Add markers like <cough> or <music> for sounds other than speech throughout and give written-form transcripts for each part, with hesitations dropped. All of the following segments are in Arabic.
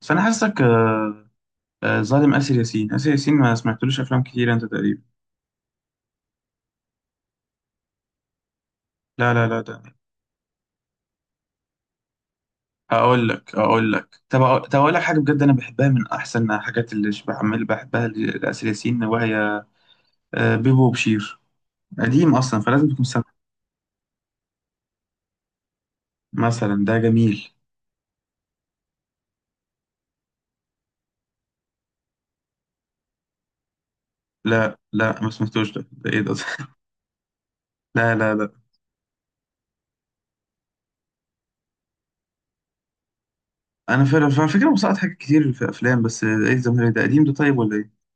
بس انا حاسسك ظالم آسر ياسين آسر ياسين. ما سمعتلوش افلام كتير انت تقريبا. لا لا لا ده. اقول لك اقول لك طب أقول- طب اقول لك حاجه بجد انا بحبها من احسن الحاجات اللي بعمل بحبها لآسر ياسين وهي بيبو وبشير. قديم اصلا فلازم تكون سامع. مثلا ده جميل. لا لا ما سمعتوش ده. ايه ده؟ <laughs> لا لا لا. انا فعلا على فكره مسقط حاجات كتير في افلام، بس ايه الزمهرير ده؟ قديم ده طيب ولا ايه؟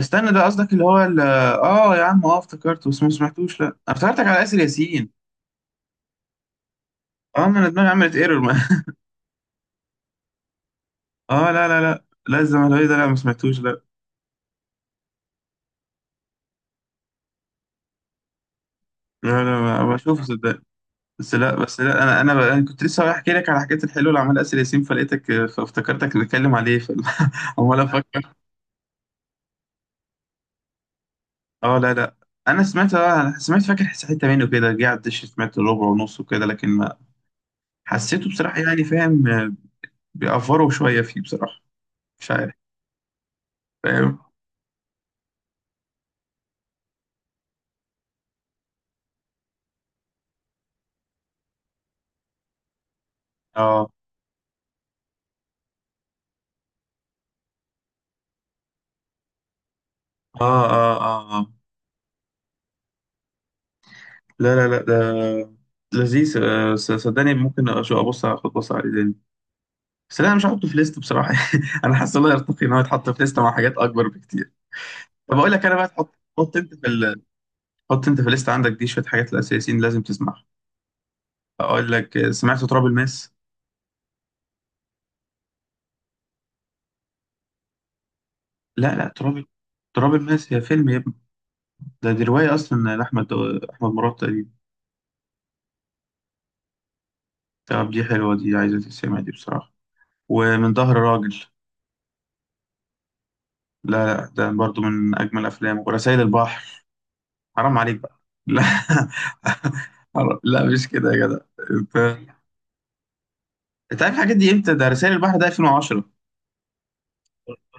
استنى ده قصدك اللي هو ال- اه يا عم، اه افتكرته بس ما سمعتوش. لا أنا افتكرتك على آسر ياسين. اه، ما انا دماغي عملت ايرور، ما اه لا لا لا. لا الزمهلاوي ده، لا ما سمعتوش لا. لا لا ما بشوفه صدق. بس لا، بس لا، أنا كنت لسه رايح احكي لك على حكايه الحلو اللي عملها اسر ياسين فلقيتك فافتكرتك نتكلم عليه. <laughs> عمال افكر. اه لا لا. انا سمعت، اه انا سمعت، فاكر حته منه كده جه على الدش، سمعت ربع ونص وكده لكن ما حسيته بصراحه، يعني فاهم بيأفروا شويه فيه بصراحه. مش عارف. فاهم. اه، اه، اه، اه، لا لا لا، ده لذيذ. صدقني ممكن ابص، اخد بص عليه تاني، بس لا، انا مش هحطه في ليست بصراحه. <laughs> انا حاسس الله يرتقي ان هو يتحط في ليست مع حاجات اكبر بكتير. طب اقول لك، انا بقى تحط، حط انت في الليست عندك دي شويه حاجات الاساسيين لازم تسمعها. اقول لك، سمعت تراب الماس؟ لا لا، تراب. تراب الماس هي فيلم يا ابني. ده دي روايه اصلا لاحمد. احمد مراد تقريبا. طب دي حلوه، دي عايزه تتسمع دي بصراحه. ومن ظهر راجل. لا لا، ده برضو من اجمل افلام، ورسائل البحر. حرام عليك بقى. لا. <laughs> حرام. لا مش كده يا جدع. انت، انت عارف الحاجات دي امتى؟ ده رسائل البحر ده 2010.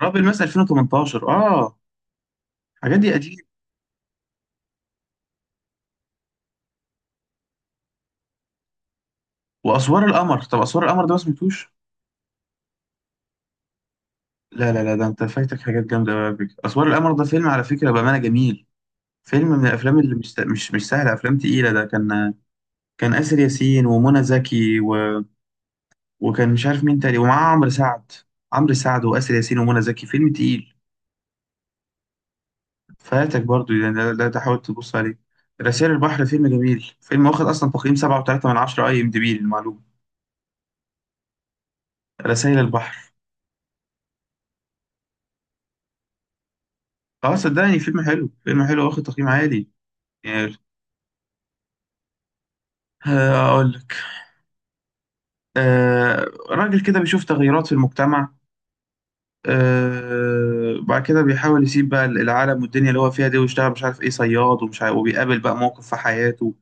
راب الماس 2018، اه. الحاجات دي قديمه. واسوار القمر، طب اسوار القمر ده ما سمعتوش؟ لا لا لا، ده انت فايتك حاجات جامده قوي يا بيك. اسوار القمر ده فيلم على فكره بامانه جميل. فيلم من الافلام اللي مش سهله، افلام تقيله. ده كان، كان آسر ياسين ومنى زكي و... وكان مش عارف مين تاني، ومعاه عمرو سعد. عمرو سعد وآسر ياسين ومنى زكي، فيلم تقيل. فاتك برضو يعني، لا لا، تحاول تبص عليه. رسائل البحر فيلم جميل، فيلم واخد أصلا تقييم سبعة وتلاتة من عشرة أي إم دي بي للمعلومة. رسائل البحر. اه صدقني فيلم حلو، فيلم حلو واخد تقييم عالي. يعني، أقول لك. آه. راجل كده بيشوف تغيرات في المجتمع، آه بعد كده بيحاول يسيب بقى العالم والدنيا اللي هو فيها دي ويشتغل مش عارف إيه، صياد ومش عارف، وبيقابل بقى موقف في حياته.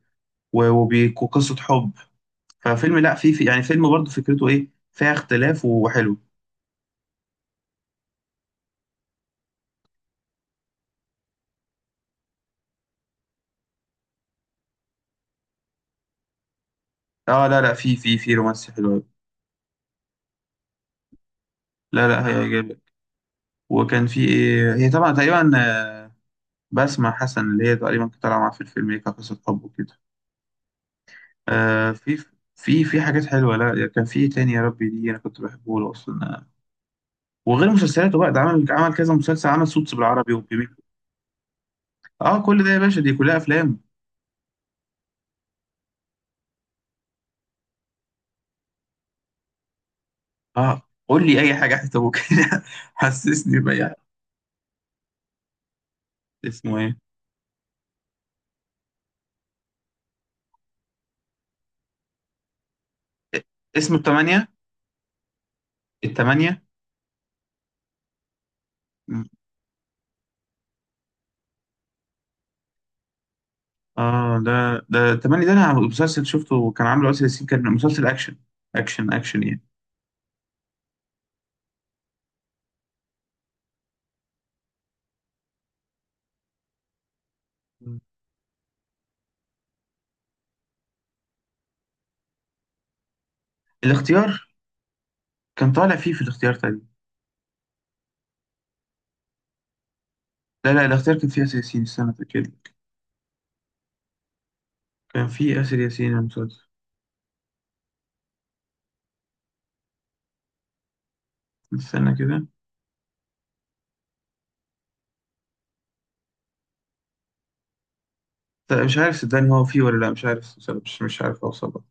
وقصة حب. ففيلم، لا فيه في يعني فيلم برضو فكرته إيه، فيها اختلاف وحلو. اه لا لا، في رومانسي حلو أوي. لا لا هيعجبك. وكان في ايه، هي طبعا تقريبا بسمة حسن، اللي هي تقريبا كانت طالعة معاه في الفيلم، هي كانت قصة حب وكده. آه، في، في في حاجات حلوة. لا كان في إيه تاني يا ربي، دي انا كنت بحبه له اصلا. وغير مسلسلاته بقى، ده عمل، عمل كذا مسلسل، عمل سوتس بالعربي وبيبي. اه كل ده يا باشا دي كلها افلام. اه قول لي اي حاجة حتى ممكن. <laughs> حسسني بأي حاجة. اسمه ايه؟ اسمه التمانية. التمانية. اه ده ده تملي، ده انا مسلسل شفته كان عامله آسر ياسين، كان مسلسل اكشن. اكشن اكشن يعني. مم. الاختيار. كان طالع فيه في الاختيار تقريبا. لا لا، الاختيار كان فيه آسر ياسين، استنى كده. كان فيه آسر ياسين المسلسل. استنى كده. لا، مش عارف صدقني هو فيه ولا لا، مش عارف صدقني، مش عارف اوصل لك.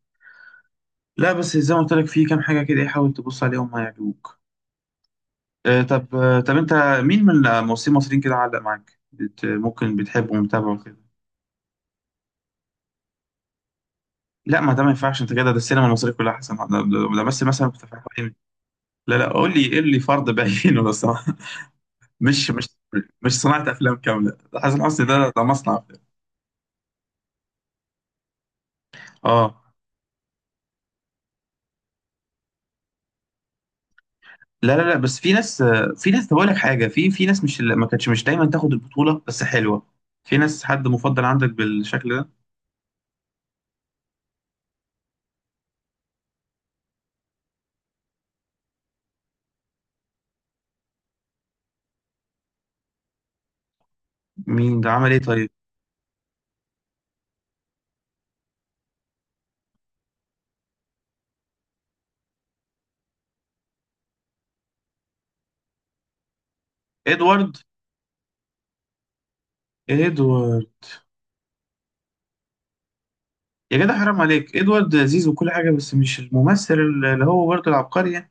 لا بس زي ما قلت لك، فيه كام حاجة كده، إيه، حاول تبص عليهم هيعجبوك. آه طب آه طب انت مين من الممثلين المصريين كده علق معاك، بت ممكن بتحبه ومتابعه كده؟ لا، ما ده ما ينفعش انت كده، ده السينما المصرية كلها حسن، ده بس مثلا في حوالي. لا لا، قول لي، قول لي فرد بعينه بس. <laughs> مش مش مش صناعة أفلام كاملة. حسن حسني ده ده مصنع أفلام. اه لا لا لا، بس في ناس، في ناس. بقول لك حاجة، في في ناس مش، ما كانتش مش دايما تاخد البطولة بس حلوة. في ناس حد مفضل عندك بالشكل ده؟ مين ده؟ عمل ايه طيب؟ ادوارد. ادوارد. يا جدع حرام عليك، ادوارد لذيذ وكل حاجة بس مش الممثل اللي هو برضه العبقري يعني.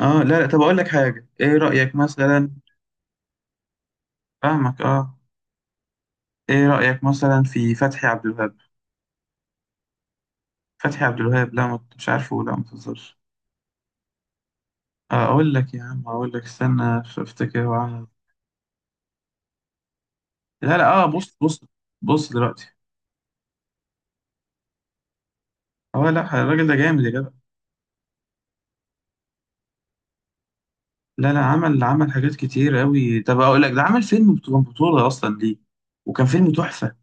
اه لا لا، طب اقول لك حاجة، ايه رأيك مثلا؟ فاهمك اه. ايه رأيك مثلا في فتحي عبد الوهاب؟ فتحي عبد الوهاب. لا ما كنتش عارفه؟ لا ما تهزرش. اقول لك يا عم، اقول لك استنى، افتكر هو عمل. لا لا، اه بص بص. بص دلوقتي. اه لا الراجل ده جامد يا جدع. لا لا عمل، عمل حاجات كتير قوي. طب اقول لك، ده عمل فيلم بطولة، بطولة اصلا ليه، وكان فيلم تحفة.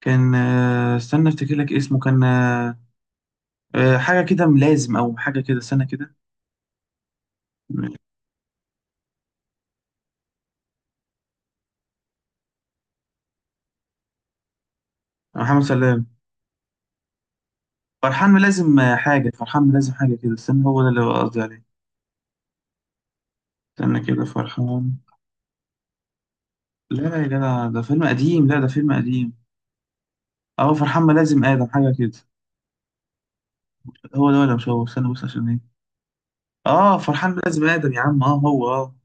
كان، استنى افتكر لك اسمه، كان آه، آه، حاجة كده ملازم او حاجة كده، استنى كده. محمد سلام. فرحان ملازم، حاجة. فرحان ملازم حاجة كده، استنى، هو ده اللي قصدي عليه. استنى كده، فرحان. لا لا يا جدع ده فيلم قديم، لا ده فيلم قديم. اه فرحان ملازم آدم، حاجة كده. هو ده ولا مش هو، استنى بص عشان ايه. اه فرحان ملازم آدم، يا عم اه هو اه.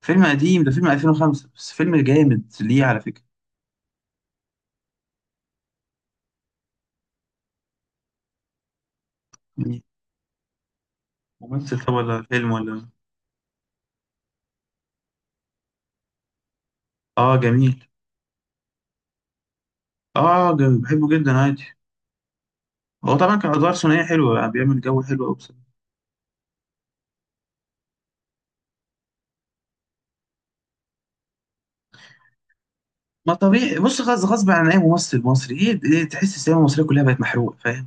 فيلم قديم، ده فيلم 2005، بس فيلم جامد ليه على فكرة. مين؟ ممثل طب، ولا فيلم، ولا إيه؟ اه جميل. اه جميل، بحبه جدا عادي. هو طبعا كان ادوار ثنائيه حلوه يعني، بيعمل جو حلو قوي بصراحه. ما طبيعي، بص غصب، غصب عن اي ممثل مصري ايه، إيه، تحس السينما المصريه كلها بقت محروقه فاهم.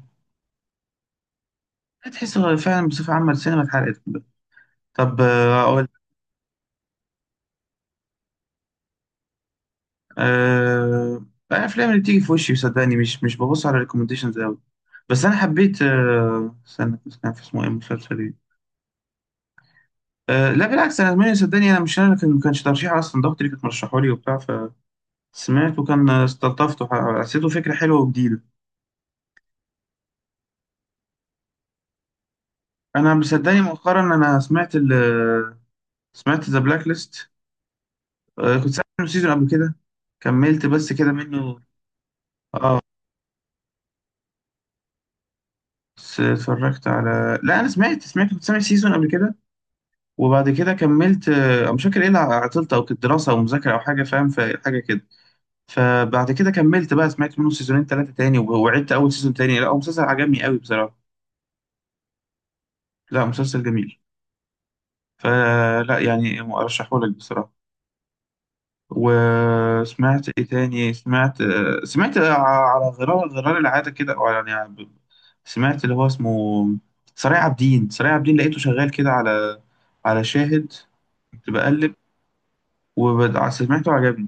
تحس فعلا بصفه عامه السينما اتحرقت. طب أه... الافلام اللي بتيجي في وشي صدقني، مش، مش ببص على ريكومنديشنز قوي. بس انا حبيت، استنى، كان في اسمه ايه المسلسل ايه. لا بالعكس، انا مني صدقني، انا مش انا اللي كان، ما كانش ترشيح اصلا، ده اختي اللي كانت مرشحه لي وبتاع، فسمعته كان استلطفته، حسيته فكره حلوه وجديده. انا مصدقني مؤخرا، سمعت ذا بلاك ليست. كنت سامع منه سيزون قبل كده، كملت بس كده منه. اه بس اتفرجت على، لا انا سمعت، سمعت كنت سامع سيزون قبل كده، وبعد كده كملت، مش فاكر ايه اللي عطلت، او كانت دراسه او مذاكره او حاجه فاهم، فحاجه كده. فبعد كده كملت بقى، سمعت منه سيزونين ثلاثه تاني، وعدت اول سيزون تاني. لا هو مسلسل عجبني قوي بصراحه. لا مسلسل جميل، فلا يعني ارشحه لك بصراحه. وسمعت ايه تاني، سمعت، سمعت، على غرار، غرار العاده كده، او يعني سمعت اللي هو اسمه، سرايع عابدين. سرايع عابدين، لقيته شغال كده على، على شاهد. كنت بقلب، وسمعته عجبني.